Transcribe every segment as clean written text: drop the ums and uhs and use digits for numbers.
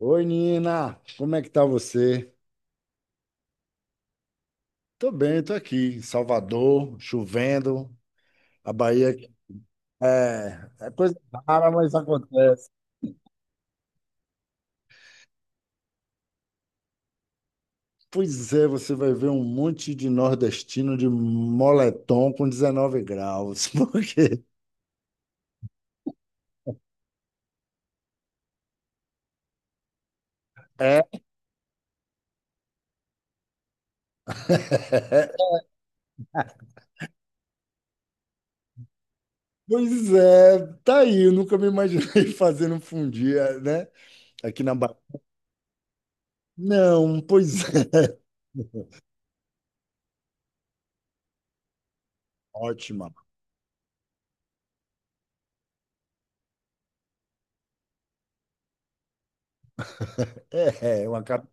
Oi, Nina, como é que tá você? Tô bem, tô aqui em Salvador, chovendo. A Bahia é, é coisa rara, mas acontece. Pois é, você vai ver um monte de nordestino de moletom com 19 graus, porque é. Pois é, tá aí, eu nunca me imaginei fazendo um fundia, né? Aqui na Bahia. Não, pois é, ótima. É, é uma cara.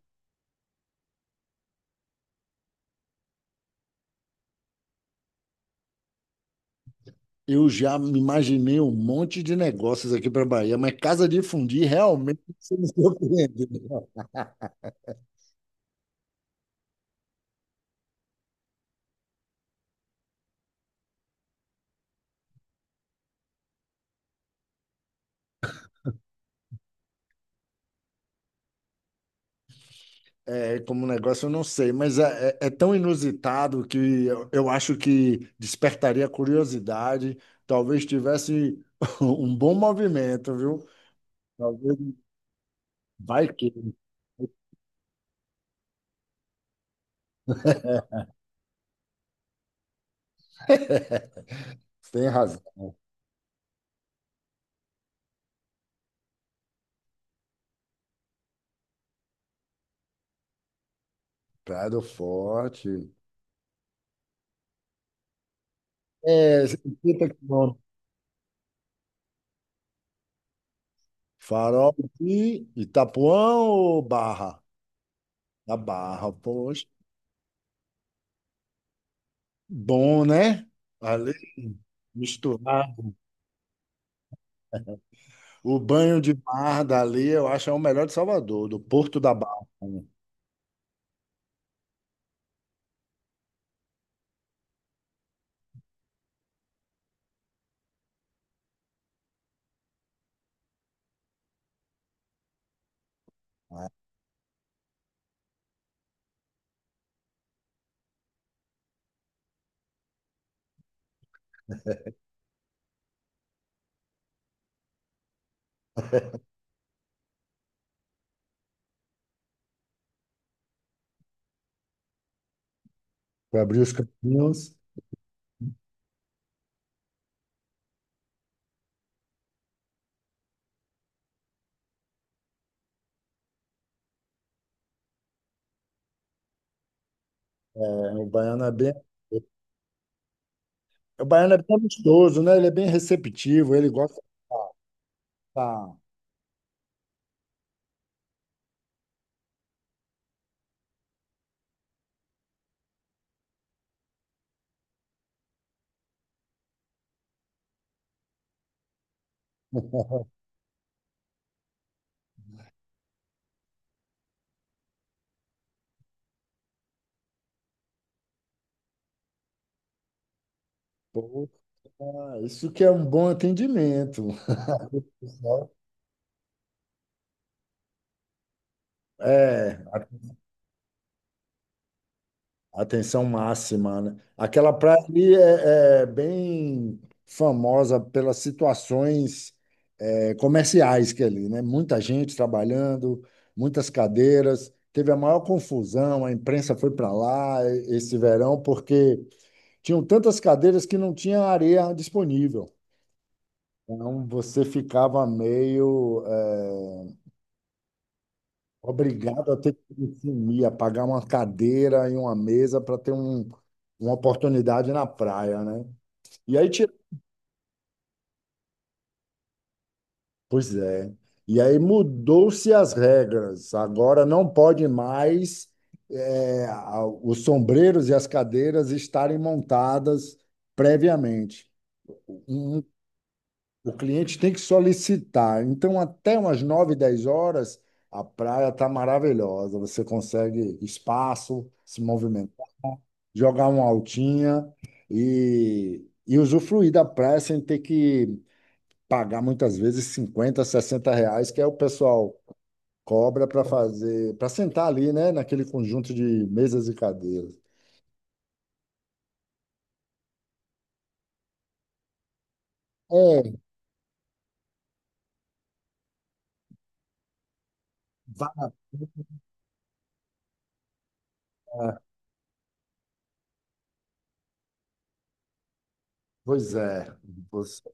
Eu já me imaginei um monte de negócios aqui para Bahia, mas casa de fundir realmente você me surpreendeu. É, como negócio eu não sei, mas é tão inusitado que eu acho que despertaria curiosidade. Talvez tivesse um bom movimento, viu? Talvez vai que. Tem razão. Prado Forte. É, 50 quilômetros. Farol de Itapuã ou Barra? Da Barra, poxa. Bom, né? Ali, misturar o banho de mar dali, eu acho é o melhor de Salvador, do Porto da Barra. Né? Para abrir os caminhos, é, o baiano é bem. O baiano é bem amistoso, né? Ele é bem receptivo, ele gosta. Tá. Porra, isso que é um bom atendimento. É, atenção máxima, né? Aquela praia ali é bem famosa pelas situações comerciais que é ali, né? Muita gente trabalhando, muitas cadeiras. Teve a maior confusão, a imprensa foi para lá esse verão porque tinham tantas cadeiras que não tinha areia disponível. Então você ficava meio obrigado a ter que me sumir, a pagar uma cadeira e uma mesa para ter uma oportunidade na praia, né? E aí, tira... Pois é. E aí mudou-se as regras. Agora não pode mais os sombreiros e as cadeiras estarem montadas previamente. Um- o cliente tem que solicitar. Então, até umas 9 10 horas, a praia está maravilhosa. Você consegue espaço, se movimentar, jogar uma altinha e usufruir da praia sem ter que pagar muitas vezes 50 60 reais, que é o pessoal cobra para fazer, para sentar ali, né, naquele conjunto de mesas e cadeiras. É, vale a pena. Pois é, você,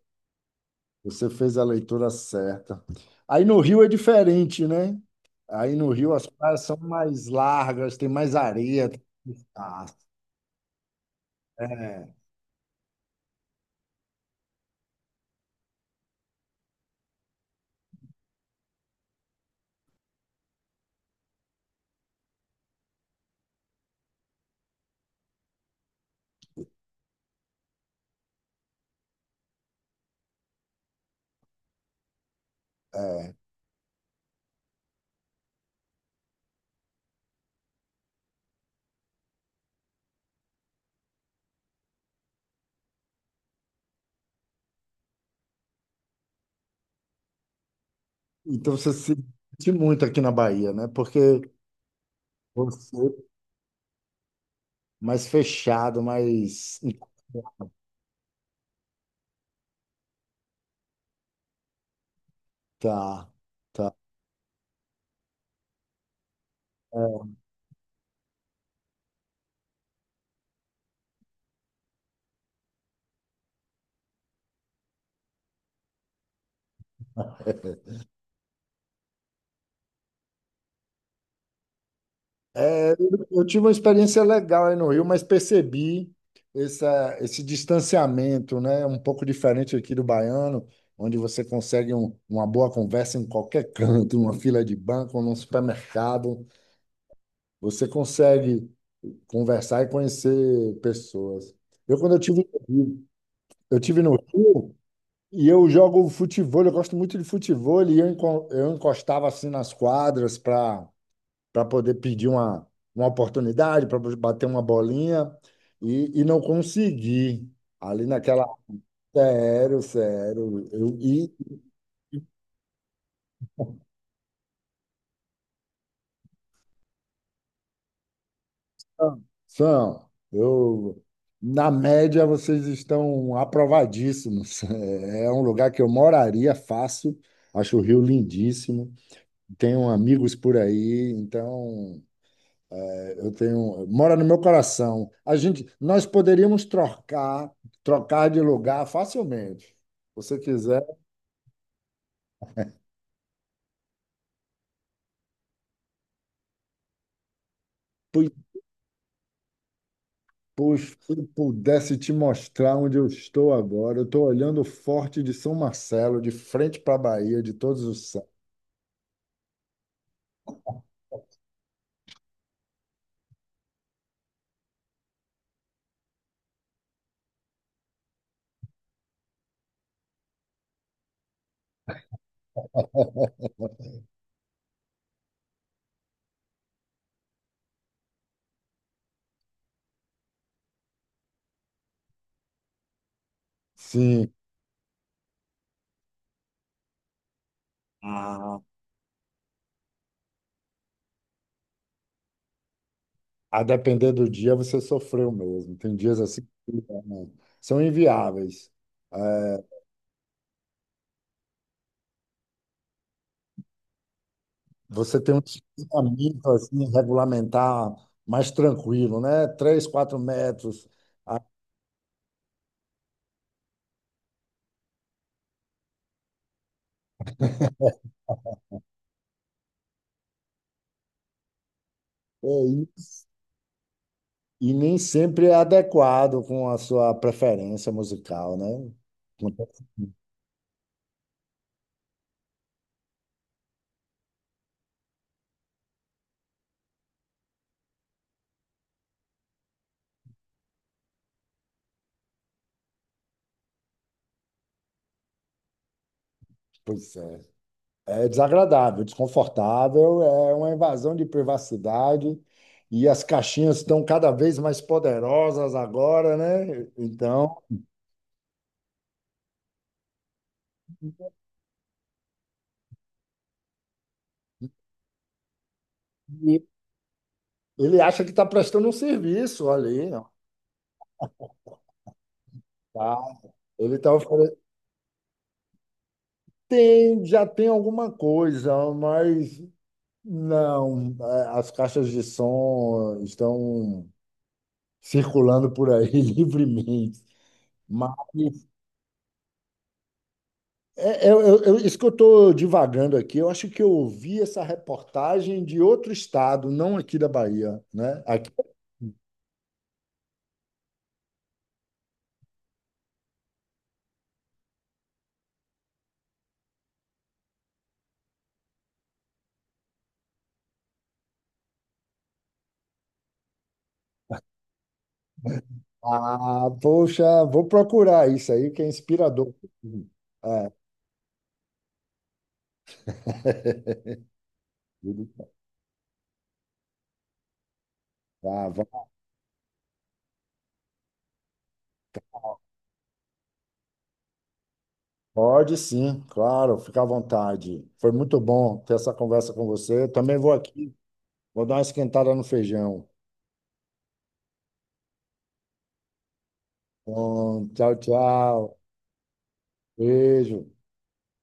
você fez a leitura certa. Aí no Rio é diferente, né? Aí no Rio as praias são mais largas, tem mais areia. Ah, é. É. Então você se sente muito aqui na Bahia, né? Porque você é mais fechado, mais. Tá. Eu tive uma experiência legal aí no Rio, mas percebi essa, esse distanciamento, né? Um pouco diferente aqui do baiano, onde você consegue uma boa conversa em qualquer canto, uma fila de banco, num supermercado. Você consegue conversar e conhecer pessoas. Eu, quando eu tive no Rio, eu tive no Rio e eu jogo futevôlei, eu gosto muito de futevôlei, e eu encostava assim nas quadras para poder pedir uma oportunidade, para bater uma bolinha, e não consegui. Ali naquela. Sério, sério. Sam, eu, na média, vocês estão aprovadíssimos. É um lugar que eu moraria fácil, acho o Rio lindíssimo, tenho amigos por aí, então. Eu tenho, mora no meu coração. A gente, nós poderíamos trocar, trocar de lugar facilmente. Se você quiser, pu- se pudesse te mostrar onde eu estou agora. Eu estou olhando o Forte de São Marcelo, de frente para a Bahia, de todos os céus. Sim. Ah, a depender do dia você sofreu mesmo. Tem dias assim que, né, são inviáveis. É, você tem um distanciamento assim, regulamentar mais tranquilo, né? Três, quatro metros. É isso. E nem sempre é adequado com a sua preferência musical, né? Acontece muito. Pois é. É desagradável, desconfortável, é uma invasão de privacidade e as caixinhas estão cada vez mais poderosas agora, né? Então, e ele acha que está prestando um serviço ali, não? Tá? Ele está. Tem, já tem alguma coisa, mas não. As caixas de som estão circulando por aí livremente. Mas isso que eu estou divagando aqui, eu acho que eu ouvi essa reportagem de outro estado, não aqui da Bahia, né? Aqui- ah, poxa, vou procurar isso aí, que é inspirador. É. Ah, pode sim, claro, fica à vontade. Foi muito bom ter essa conversa com você. Também vou aqui, vou dar uma esquentada no feijão. Bom, tchau, tchau. Beijo.